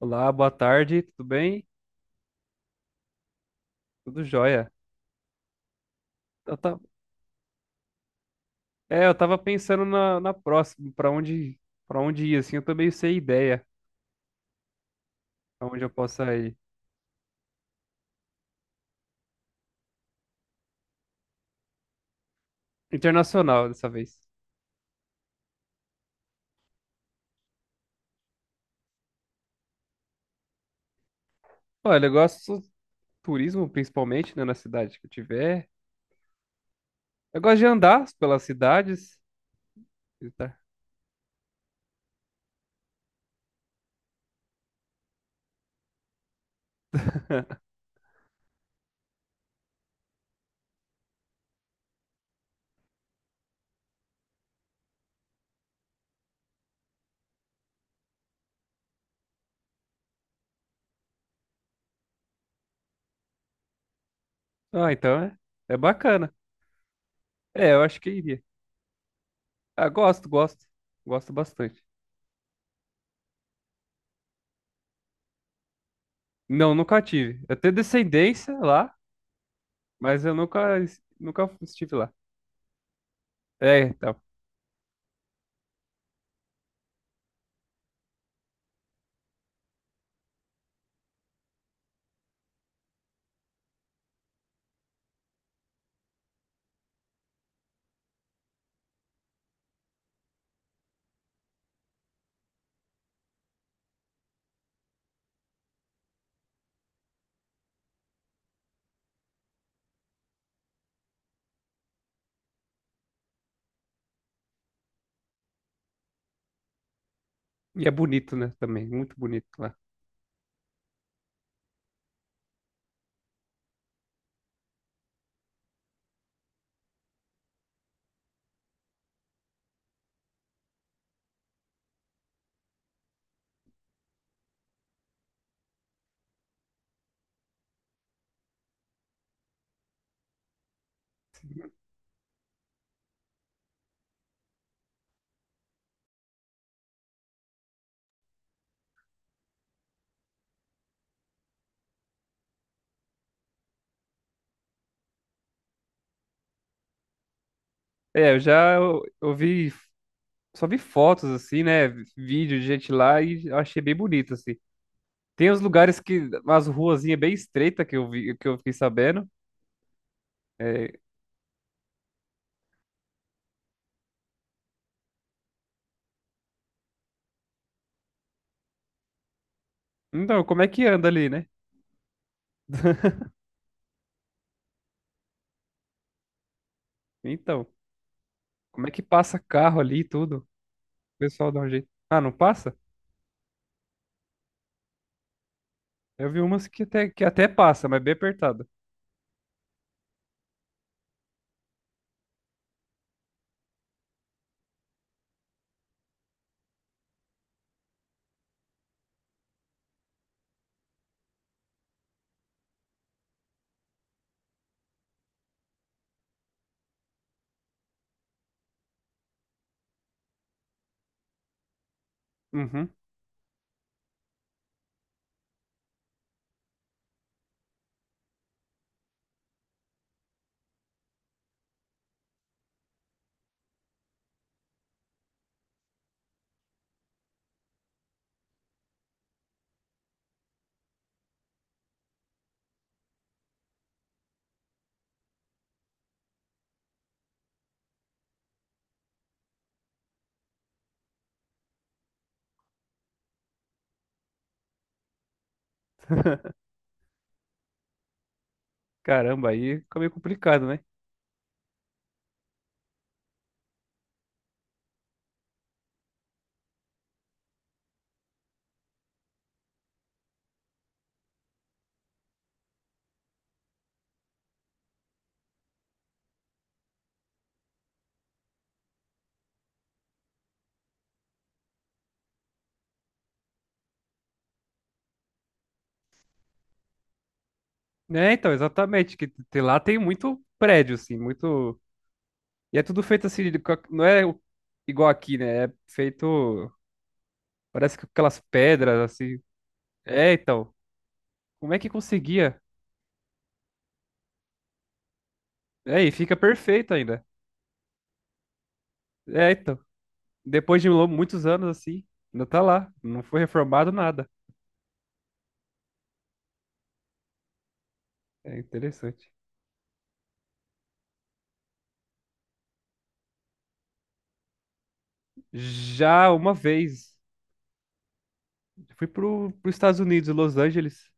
Olá, boa tarde, tudo bem? Tudo jóia. Eu ta- É, eu tava pensando na próxima, para onde ir, assim, eu tô meio sem ideia aonde eu possa ir. Internacional dessa vez. Olha, eu gosto do turismo, principalmente, né, na cidade que eu tiver. Eu gosto de andar pelas cidades. E tá. Ah, então é bacana. É, eu acho que iria. Ah, gosto, gosto. Gosto bastante. Não, nunca tive. Eu tenho descendência lá, mas eu nunca, nunca estive lá. É, tá. E é bonito, né? Também, muito bonito lá. É, eu vi, só vi fotos assim, né? Vídeo de gente lá e eu achei bem bonito, assim. Tem uns lugares que, umas ruazinhas bem estreitas que eu vi, que eu fiquei sabendo. É, então, como é que anda ali, né? Então, como é que passa carro ali e tudo? O pessoal dá um jeito. Ah, não passa? Eu vi umas que até passa, mas bem apertada. Uhum. Caramba, aí fica meio complicado, né? É, então, exatamente, lá tem muito prédio, assim, muito. E é tudo feito assim, não é o- igual aqui, né? É feito, parece que com aquelas pedras assim. É, então, como é que conseguia? É, e fica perfeito ainda. É, então, depois muitos anos assim, ainda tá lá, não foi reformado nada. É interessante. Já uma vez, fui pros Estados Unidos, Los Angeles.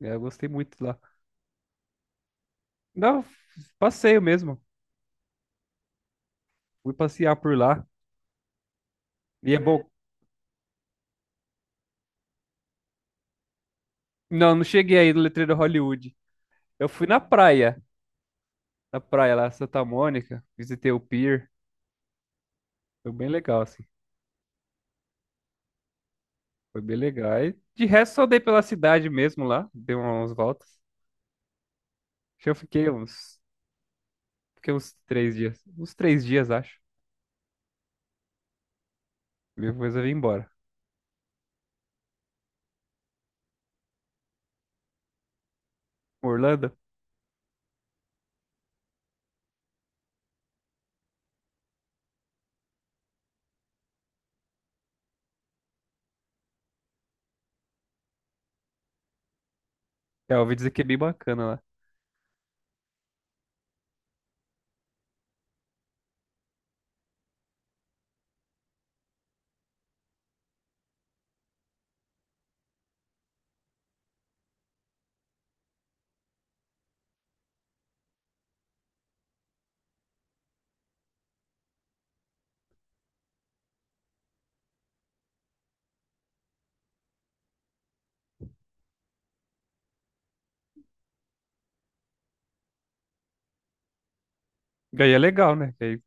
É, eu gostei muito lá. Não, passeio mesmo. Fui passear por lá. E é bom. Não, não cheguei aí no letreiro Hollywood. Eu fui na praia. Na praia lá, Santa Mônica, visitei o pier, foi bem legal, assim, foi bem legal. E de resto, só dei pela cidade mesmo lá, dei umas voltas. Acho que eu fiquei uns três dias, acho. Depois eu vim embora. Orlando, é, eu ouvi dizer que é bem bacana lá. E aí é legal, né? E aí-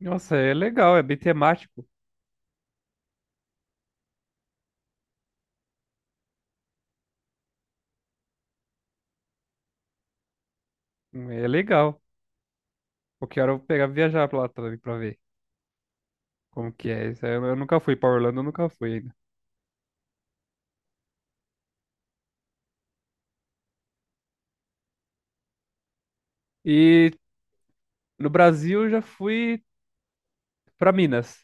nossa, é legal, é bem temático, é legal. Qualquer hora eu vou pegar e viajar pra lá também pra ver como que é. Isso aí eu nunca fui pra Orlando, eu nunca fui ainda. E no Brasil eu já fui pra Minas.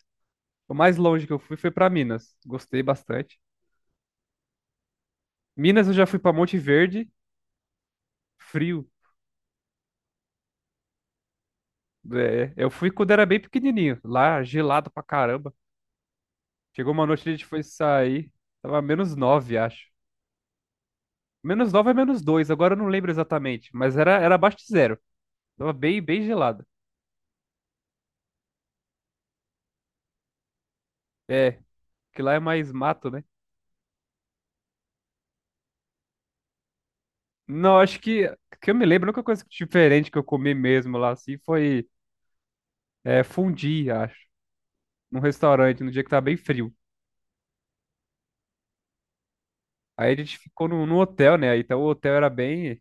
O mais longe que eu fui foi pra Minas. Gostei bastante. Minas eu já fui pra Monte Verde, frio. É, eu fui quando era bem pequenininho, lá gelado pra caramba. Chegou uma noite, a gente foi sair, tava -9 acho. -9 é -2, agora eu não lembro exatamente, mas era, abaixo de zero. Tava bem, bem gelado. É, que lá é mais mato, né? Não, acho que eu me lembro, a única coisa diferente que eu comi mesmo lá assim foi fondue, acho, num restaurante, no dia que tava bem frio. Aí a gente ficou no hotel, né? Então o hotel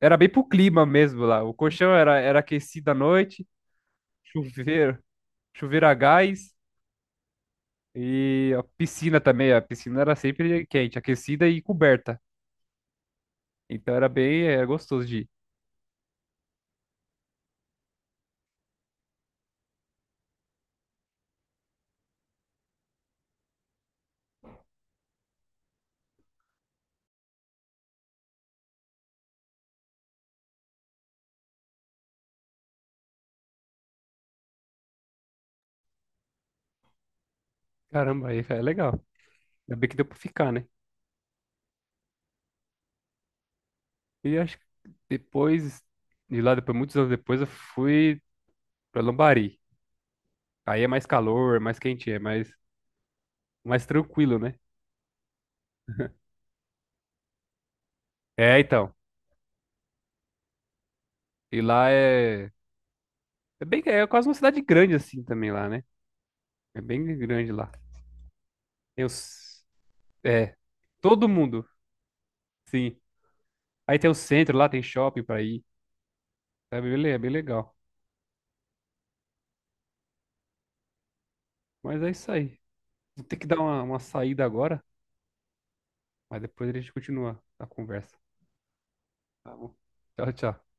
era bem pro clima mesmo lá. O colchão era aquecido à noite, chuveiro, chuveiro a gás e a piscina também. A piscina era sempre quente, aquecida e coberta. Então era bem, gostoso de ir. Caramba, aí é legal. Ainda bem que deu pra ficar, né? E acho que depois, de lá, depois, muitos anos depois, eu fui pra Lambari. Aí é mais calor, é mais quente, é mais tranquilo, né? É, então. E lá é É bem, é quase uma cidade grande assim também lá, né? É bem grande lá. Tem os, é, todo mundo, sim. Aí tem o centro lá, tem shopping pra ir. É bem, é bem legal. Mas é isso aí. Vou ter que dar uma saída agora, mas depois a gente continua a conversa. Tá bom? Tchau, tchau.